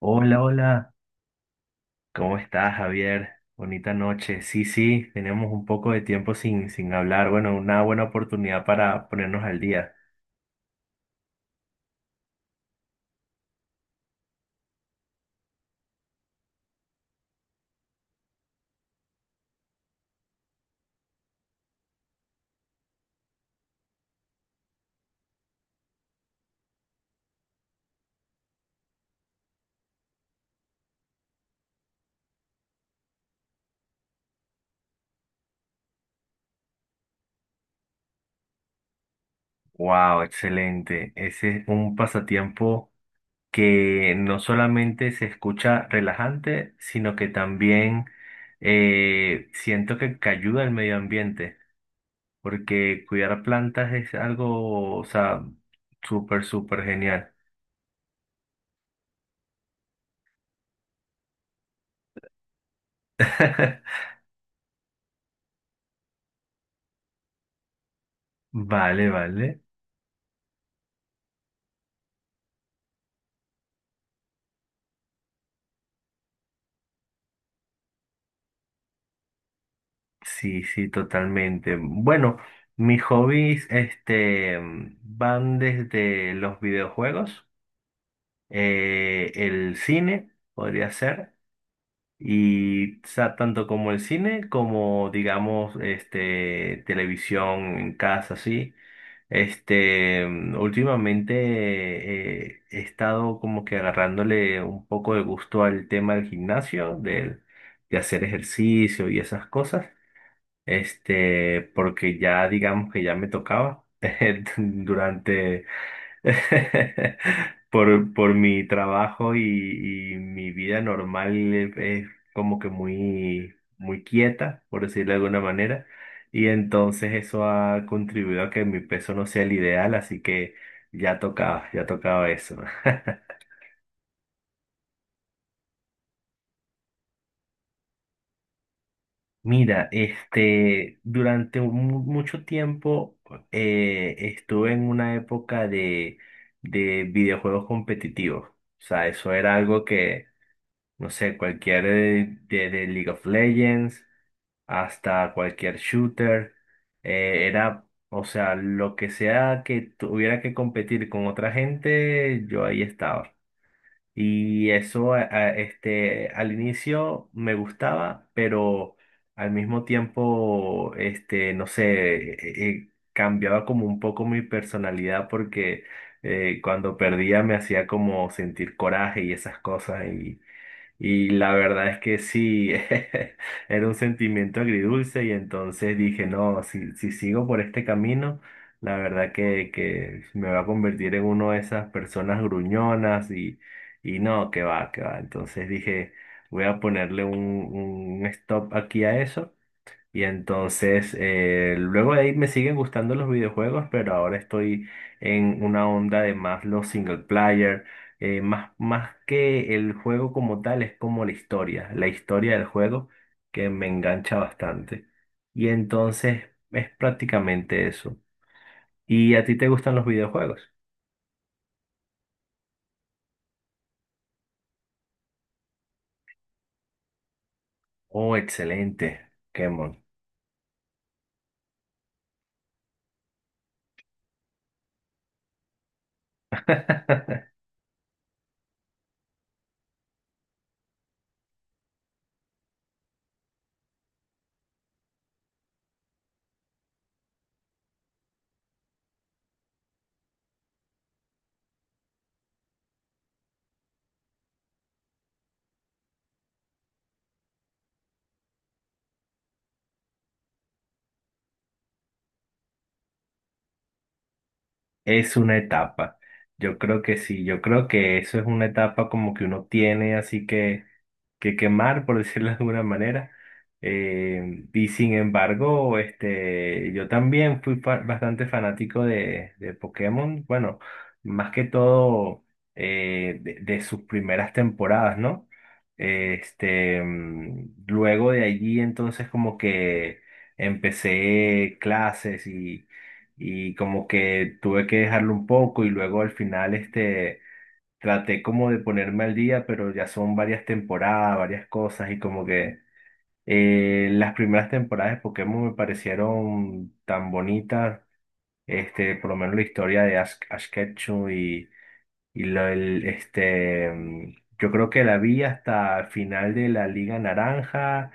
Hola, hola, ¿cómo estás, Javier? Bonita noche. Sí, sí, tenemos un poco de tiempo sin hablar. Bueno, una buena oportunidad para ponernos al día. Wow, excelente. Ese es un pasatiempo que no solamente se escucha relajante, sino que también siento que ayuda al medio ambiente, porque cuidar plantas es algo, o sea, súper, súper genial. Vale, vale. Sí, sí, totalmente. Bueno, mis hobbies, van desde los videojuegos, el cine, podría ser, y o sea, tanto como el cine como, digamos, este, televisión en casa, sí. Este, últimamente he estado como que agarrándole un poco de gusto al tema del gimnasio, de hacer ejercicio y esas cosas este, porque ya digamos que ya me tocaba durante, por mi trabajo y mi vida normal es como que muy, muy quieta, por decirlo de alguna manera, y entonces eso ha contribuido a que mi peso no sea el ideal, así que ya tocaba eso. Mira, este, durante mucho tiempo estuve en una época de videojuegos competitivos. O sea, eso era algo que, no sé, cualquier de League of Legends hasta cualquier shooter, era, o sea, lo que sea que tuviera que competir con otra gente, yo ahí estaba. Y eso, este, al inicio me gustaba, pero al mismo tiempo, este, no sé, cambiaba como un poco mi personalidad porque cuando perdía me hacía como sentir coraje y esas cosas. Y la verdad es que sí, era un sentimiento agridulce y entonces dije, no, si sigo por este camino, la verdad que me va a convertir en uno de esas personas gruñonas y no, que va, que va. Entonces dije, voy a ponerle un stop aquí a eso y entonces, luego de ahí me siguen gustando los videojuegos, pero ahora estoy en una onda de más los single player, más que el juego como tal, es como la historia del juego que me engancha bastante. Y entonces es prácticamente eso. ¿Y a ti te gustan los videojuegos? Oh, excelente, Kemon. Es una etapa. Yo creo que sí, yo creo que eso es una etapa como que uno tiene así que quemar, por decirlo de alguna manera. Y sin embargo, este, yo también fui bastante fanático de Pokémon, bueno, más que todo de sus primeras temporadas, ¿no? Este, mm, luego de allí entonces como que empecé clases y como que tuve que dejarlo un poco y luego al final este traté como de ponerme al día, pero ya son varias temporadas, varias cosas y como que las primeras temporadas de Pokémon me parecieron tan bonitas, este, por lo menos la historia de Ash, Ash Ketchum y lo, el, este, mm, yo creo que la vi hasta el final de la Liga Naranja.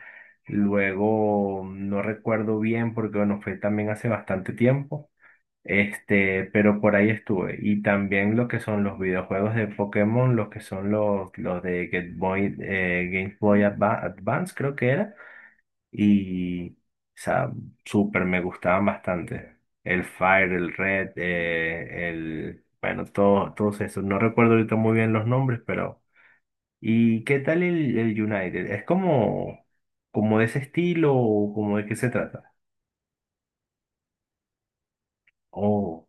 Luego no recuerdo bien porque bueno, fue también hace bastante tiempo. Este, pero por ahí estuve. Y también lo que son los videojuegos de Pokémon, los que son los de Game Boy, Game Boy Advance, creo que era. Y, o sea, súper, me gustaban bastante. El Fire, el Red, el, bueno, todo, todos esos. No recuerdo ahorita muy bien los nombres, pero. ¿Y qué tal el United? ¿Es como, como de ese estilo o como de qué se trata? Oh,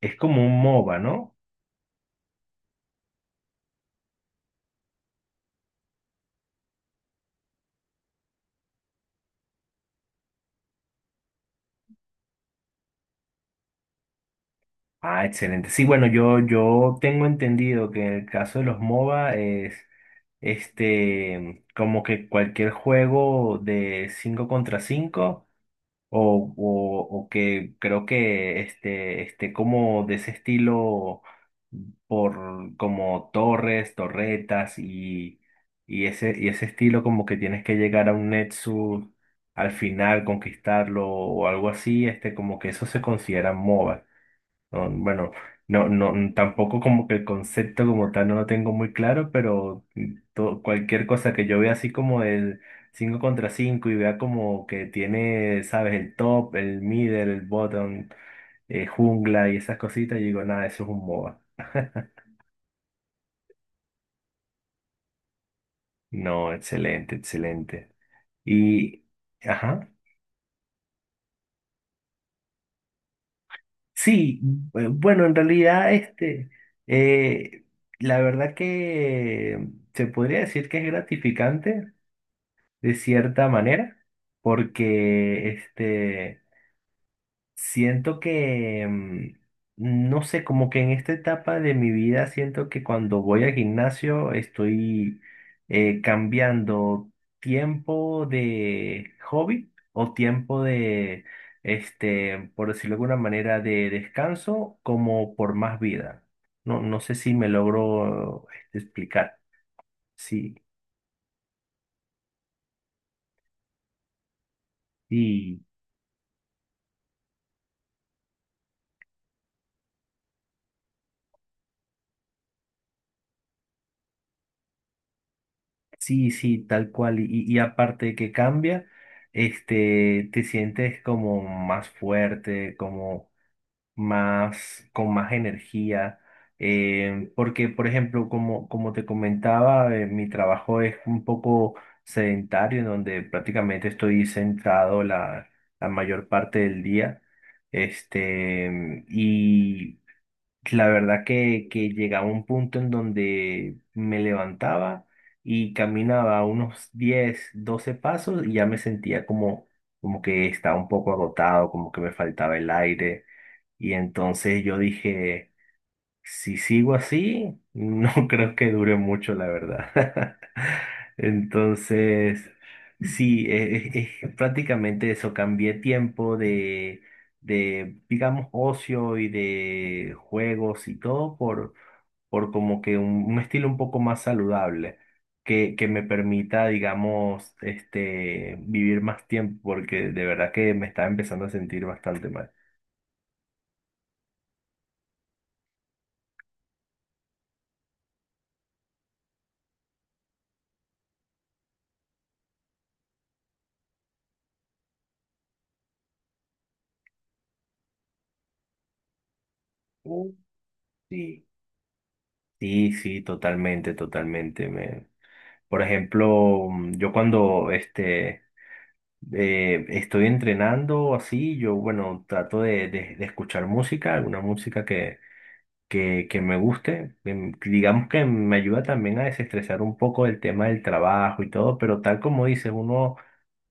es como un MOBA, ¿no? Ah, excelente. Sí, bueno, yo tengo entendido que en el caso de los MOBA es este como que cualquier juego de 5 contra 5 o que creo que este, esté como de ese estilo por como torres, torretas y ese estilo como que tienes que llegar a un Nexus al final, conquistarlo o algo así, este como que eso se considera MOBA. No, bueno, no, no, tampoco como que el concepto como tal no lo tengo muy claro, pero mm, cualquier cosa que yo vea así como el 5 contra 5 y vea como que tiene, sabes, el top, el middle, el bottom, jungla y esas cositas, yo digo, nada, eso es un MOBA. No, excelente, excelente. Y, ajá, sí, bueno, en realidad este, eh, la verdad que se podría decir que es gratificante de cierta manera, porque este, siento que, mm, no sé, como que en esta etapa de mi vida siento que cuando voy al gimnasio estoy cambiando tiempo de hobby o tiempo de, este, por decirlo de alguna manera, de descanso como por más vida. No, no sé si me logro este, explicar. Sí. Sí, sí, tal cual. Y aparte de que cambia, este, te sientes como más fuerte, como más, con más energía. Porque, por ejemplo, como, como te comentaba, mi trabajo es un poco sedentario, en donde prácticamente estoy sentado la, la mayor parte del día. Este, y la verdad que llegaba un punto en donde me levantaba y caminaba unos 10 12 pasos y ya me sentía como, como que estaba un poco agotado, como que me faltaba el aire. Y entonces yo dije... Si sigo así, no creo que dure mucho, la verdad. Entonces, sí, prácticamente eso, cambié tiempo de, digamos, ocio y de juegos y todo por como que un estilo un poco más saludable, que me permita, digamos, este, vivir más tiempo, porque de verdad que me estaba empezando a sentir bastante mal. Oh, sí. Sí, sí, totalmente, totalmente. Me... Por ejemplo, mm, yo cuando este, estoy entrenando así, yo bueno, trato de, de escuchar música, alguna música que me guste. Que digamos que me ayuda también a desestresar un poco el tema del trabajo y todo, pero tal como dices, uno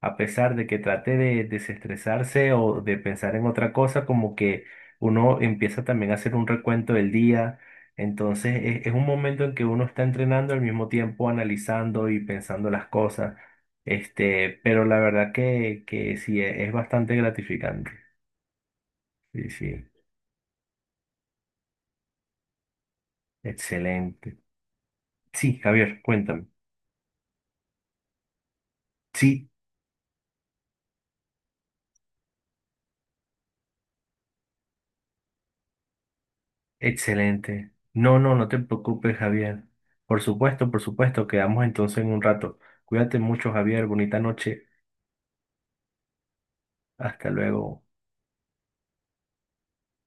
a pesar de que trate de desestresarse o de pensar en otra cosa, como que uno empieza también a hacer un recuento del día. Entonces es un momento en que uno está entrenando al mismo tiempo analizando y pensando las cosas. Este, pero la verdad que sí, es bastante gratificante. Sí, sí, excelente. Sí, Javier, cuéntame. Sí. Excelente. No, no, no te preocupes, Javier. Por supuesto, quedamos entonces en un rato. Cuídate mucho, Javier. Bonita noche. Hasta luego.